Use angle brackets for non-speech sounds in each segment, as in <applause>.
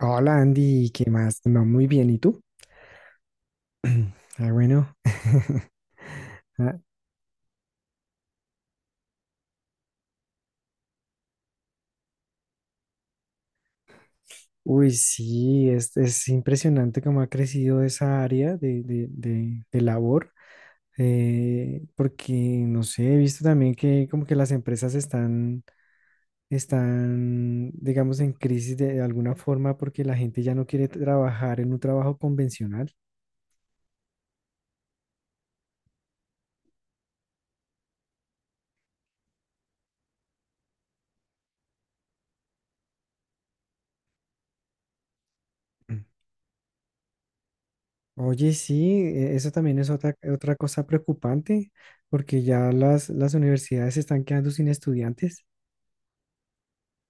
Hola Andy, ¿qué más? No, muy bien, ¿y tú? Ah, bueno. Ah, Uy, sí, es impresionante cómo ha crecido esa área de labor. Porque, no sé, he visto también que como que las empresas están, digamos, en crisis de alguna forma porque la gente ya no quiere trabajar en un trabajo convencional. Mm. Oye, sí, eso también es otra cosa preocupante, porque ya las universidades se están quedando sin estudiantes.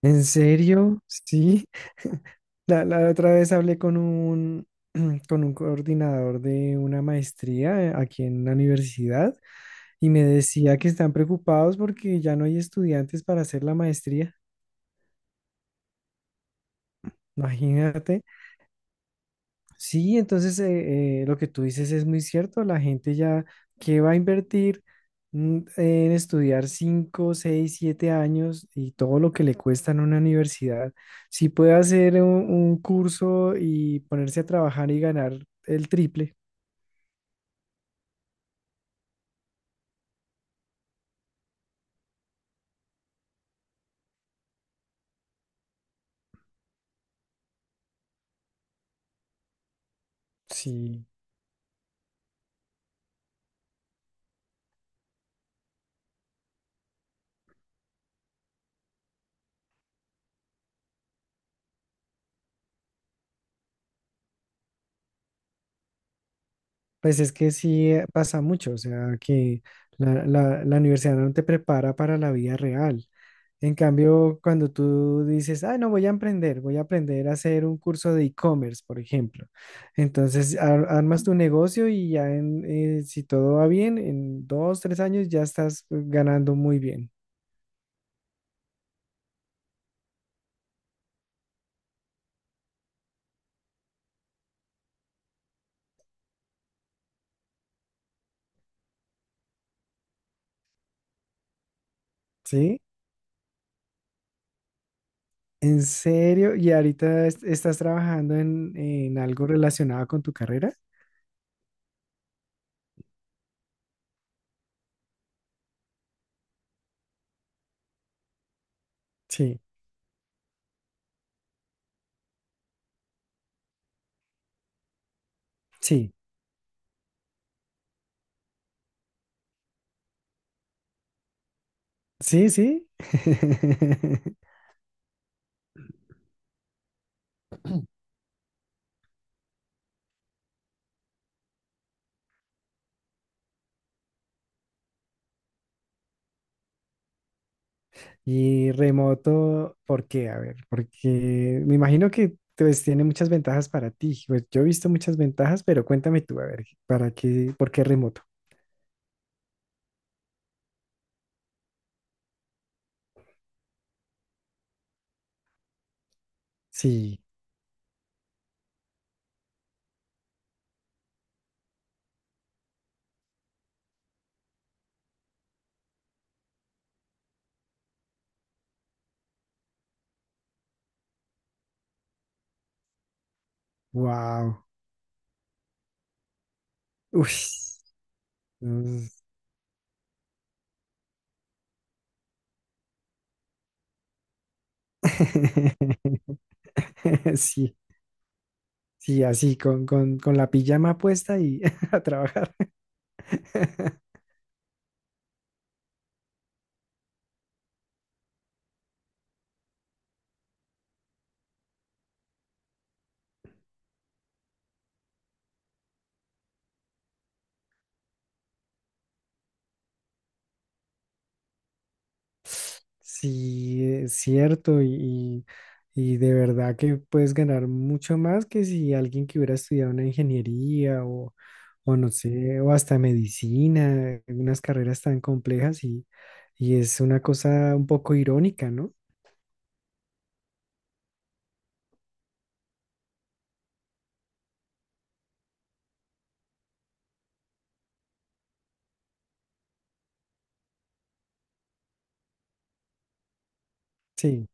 ¿En serio? Sí. La otra vez hablé <clears throat> con un coordinador de una maestría, aquí en la universidad, y me decía que están preocupados porque ya no hay estudiantes para hacer la maestría. Imagínate. Sí, entonces lo que tú dices es muy cierto. La gente ya que va a invertir, en estudiar 5, 6, 7 años y todo lo que le cuesta en una universidad, si puede hacer un curso y ponerse a trabajar y ganar el triple. Sí, pues es que sí, pasa mucho. O sea, que la universidad no te prepara para la vida real. En cambio, cuando tú dices, ah, no, voy a emprender, voy a aprender a hacer un curso de e-commerce, por ejemplo. Entonces, armas tu negocio y ya si todo va bien, en 2, 3 años ya estás, ganando muy bien. ¿Sí? ¿En serio? ¿Y ahorita estás trabajando en algo relacionado con tu carrera? Sí, sí, sí, sí. <laughs> Y remoto, ¿por qué? A ver, porque me imagino que pues, tiene muchas ventajas para ti. Pues yo he visto muchas ventajas, pero cuéntame tú, a ver, ¿para qué, por qué remoto? Sí, wow. Uy. Mm. <laughs> Sí, sí, así, con la pijama puesta y <laughs> a trabajar. <laughs> Sí, es cierto, y de verdad que puedes ganar mucho más que si alguien que hubiera estudiado una ingeniería o no sé, o hasta medicina, unas carreras tan complejas, y es una cosa un poco irónica, ¿no? Sí,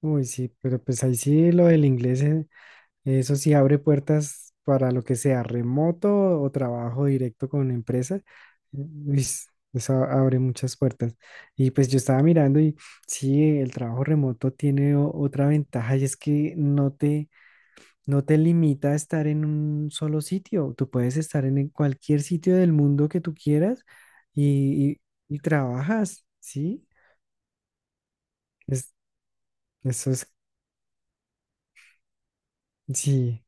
uy, sí, pero pues ahí sí lo del inglés. Eso sí abre puertas para lo que sea remoto o trabajo directo con empresa. Uy, eso abre muchas puertas. Y pues yo estaba mirando y sí, el trabajo remoto tiene otra ventaja, y es que no te limita a estar en un solo sitio. Tú puedes estar en cualquier sitio del mundo que tú quieras, y, y- y trabajas, ¿sí? Es- Eso es, sí,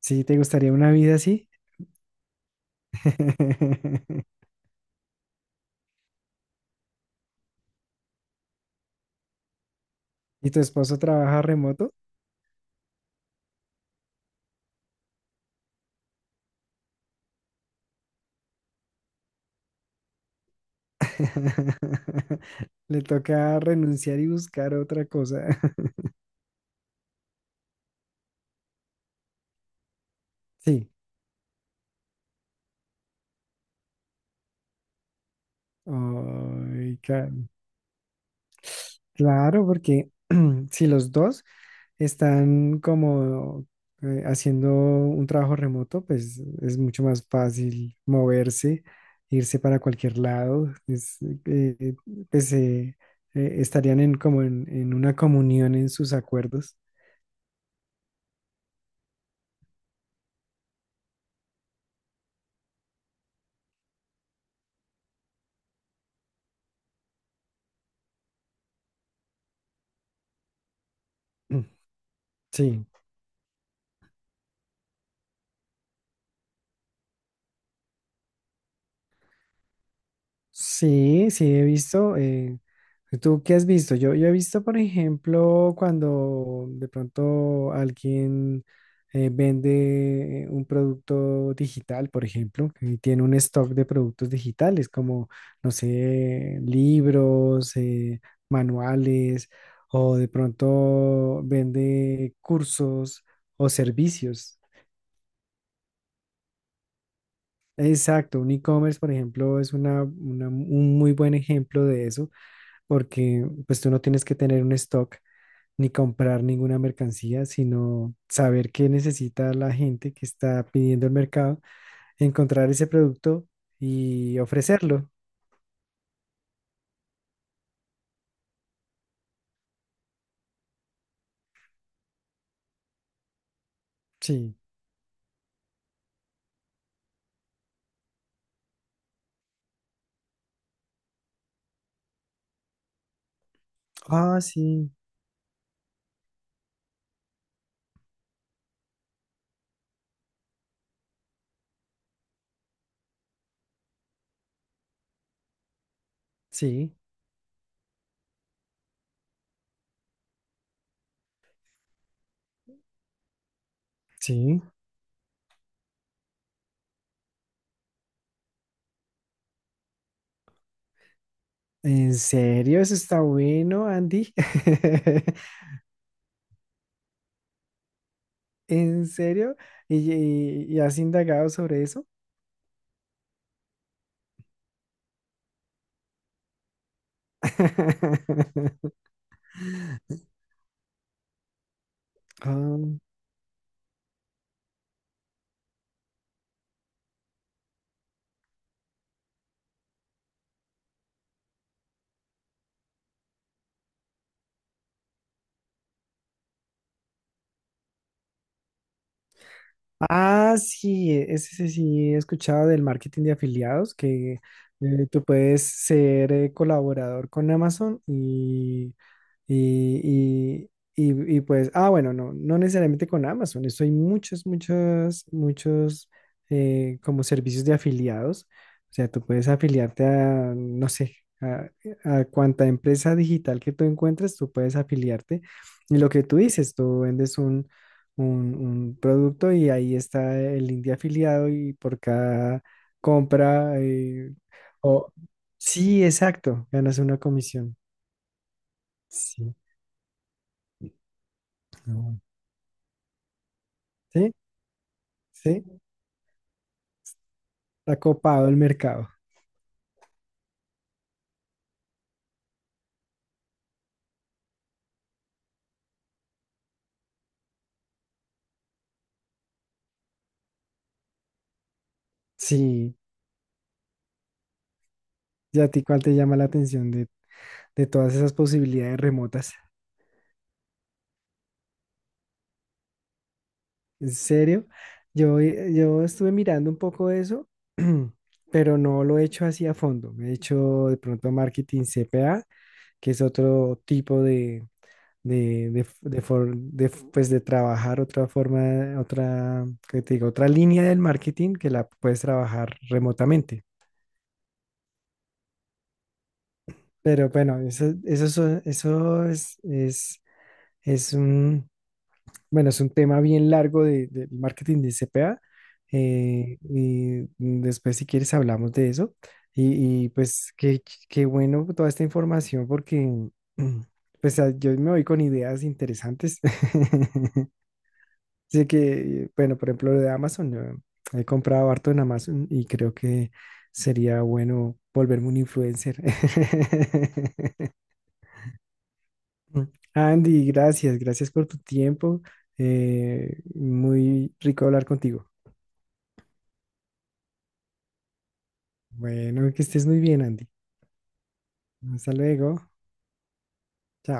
sí. ¿Te gustaría una vida así? <laughs> ¿Y tu esposo trabaja remoto? <laughs> Le toca renunciar y buscar otra cosa. <laughs> Sí. Ay. Claro, porque <clears throat> si los dos están como, haciendo un trabajo remoto, pues es mucho más fácil moverse, irse para cualquier lado, es, pues, estarían como en una comunión en sus acuerdos. <clears throat> Sí. Sí, sí, he visto. ¿Tú qué has visto? Yo he visto, por ejemplo, cuando de pronto alguien, vende un producto digital, por ejemplo, y tiene un stock de productos digitales como, no sé, libros, manuales, o de pronto vende cursos o servicios. Exacto, un e-commerce, por ejemplo, es un muy buen ejemplo de eso, porque pues tú no tienes que tener un stock ni comprar ninguna mercancía, sino saber qué necesita la gente que está pidiendo el mercado, encontrar ese producto y ofrecerlo. Sí. Ah, sí, sí, sí. ¿En serio? Eso está bueno, Andy. <laughs> ¿En serio? ¿Y has indagado sobre eso? <laughs> Ah. Sí, ese sí, sí, he escuchado del marketing de afiliados. Que, tú puedes ser, colaborador con Amazon. Y, pues, ah, bueno, no, no necesariamente con Amazon. Eso hay muchos, muchos, muchos, como servicios de afiliados. O sea, tú puedes afiliarte a, no sé, a cuanta empresa digital que tú encuentres, tú puedes afiliarte. Y lo que tú dices, tú vendes un producto, y ahí está el link de afiliado, y por cada compra, o sí, exacto, ganas una comisión. Sí, no. Sí, sí, está copado el mercado. Sí. ¿Y a ti cuál te llama la atención de todas esas posibilidades remotas? ¿En serio? Yo, yo estuve mirando un poco eso, <clears throat> pero no lo he hecho así a fondo. Me he hecho de pronto marketing CPA, que es otro tipo de, f- de for- de f- pues de trabajar otra forma, otra. ¿Qué te digo? Otra línea del marketing que la puedes trabajar remotamente. Pero bueno, eso es, es, bueno, es un tema bien largo del marketing de C CPA. Y después, si quieres, hablamos de eso. Pues, qué bueno toda esta información porque <clears throat> mm, pues yo me voy con ideas interesantes. <laughs> Así que, bueno, por ejemplo, lo de Amazon, yo he comprado harto en Amazon y creo que sería bueno volverme un influencer. <laughs> Mm. Andy, gracias, gracias por tu tiempo. Muy rico hablar contigo. Bueno, que estés muy bien, Andy. Hasta luego. Chao.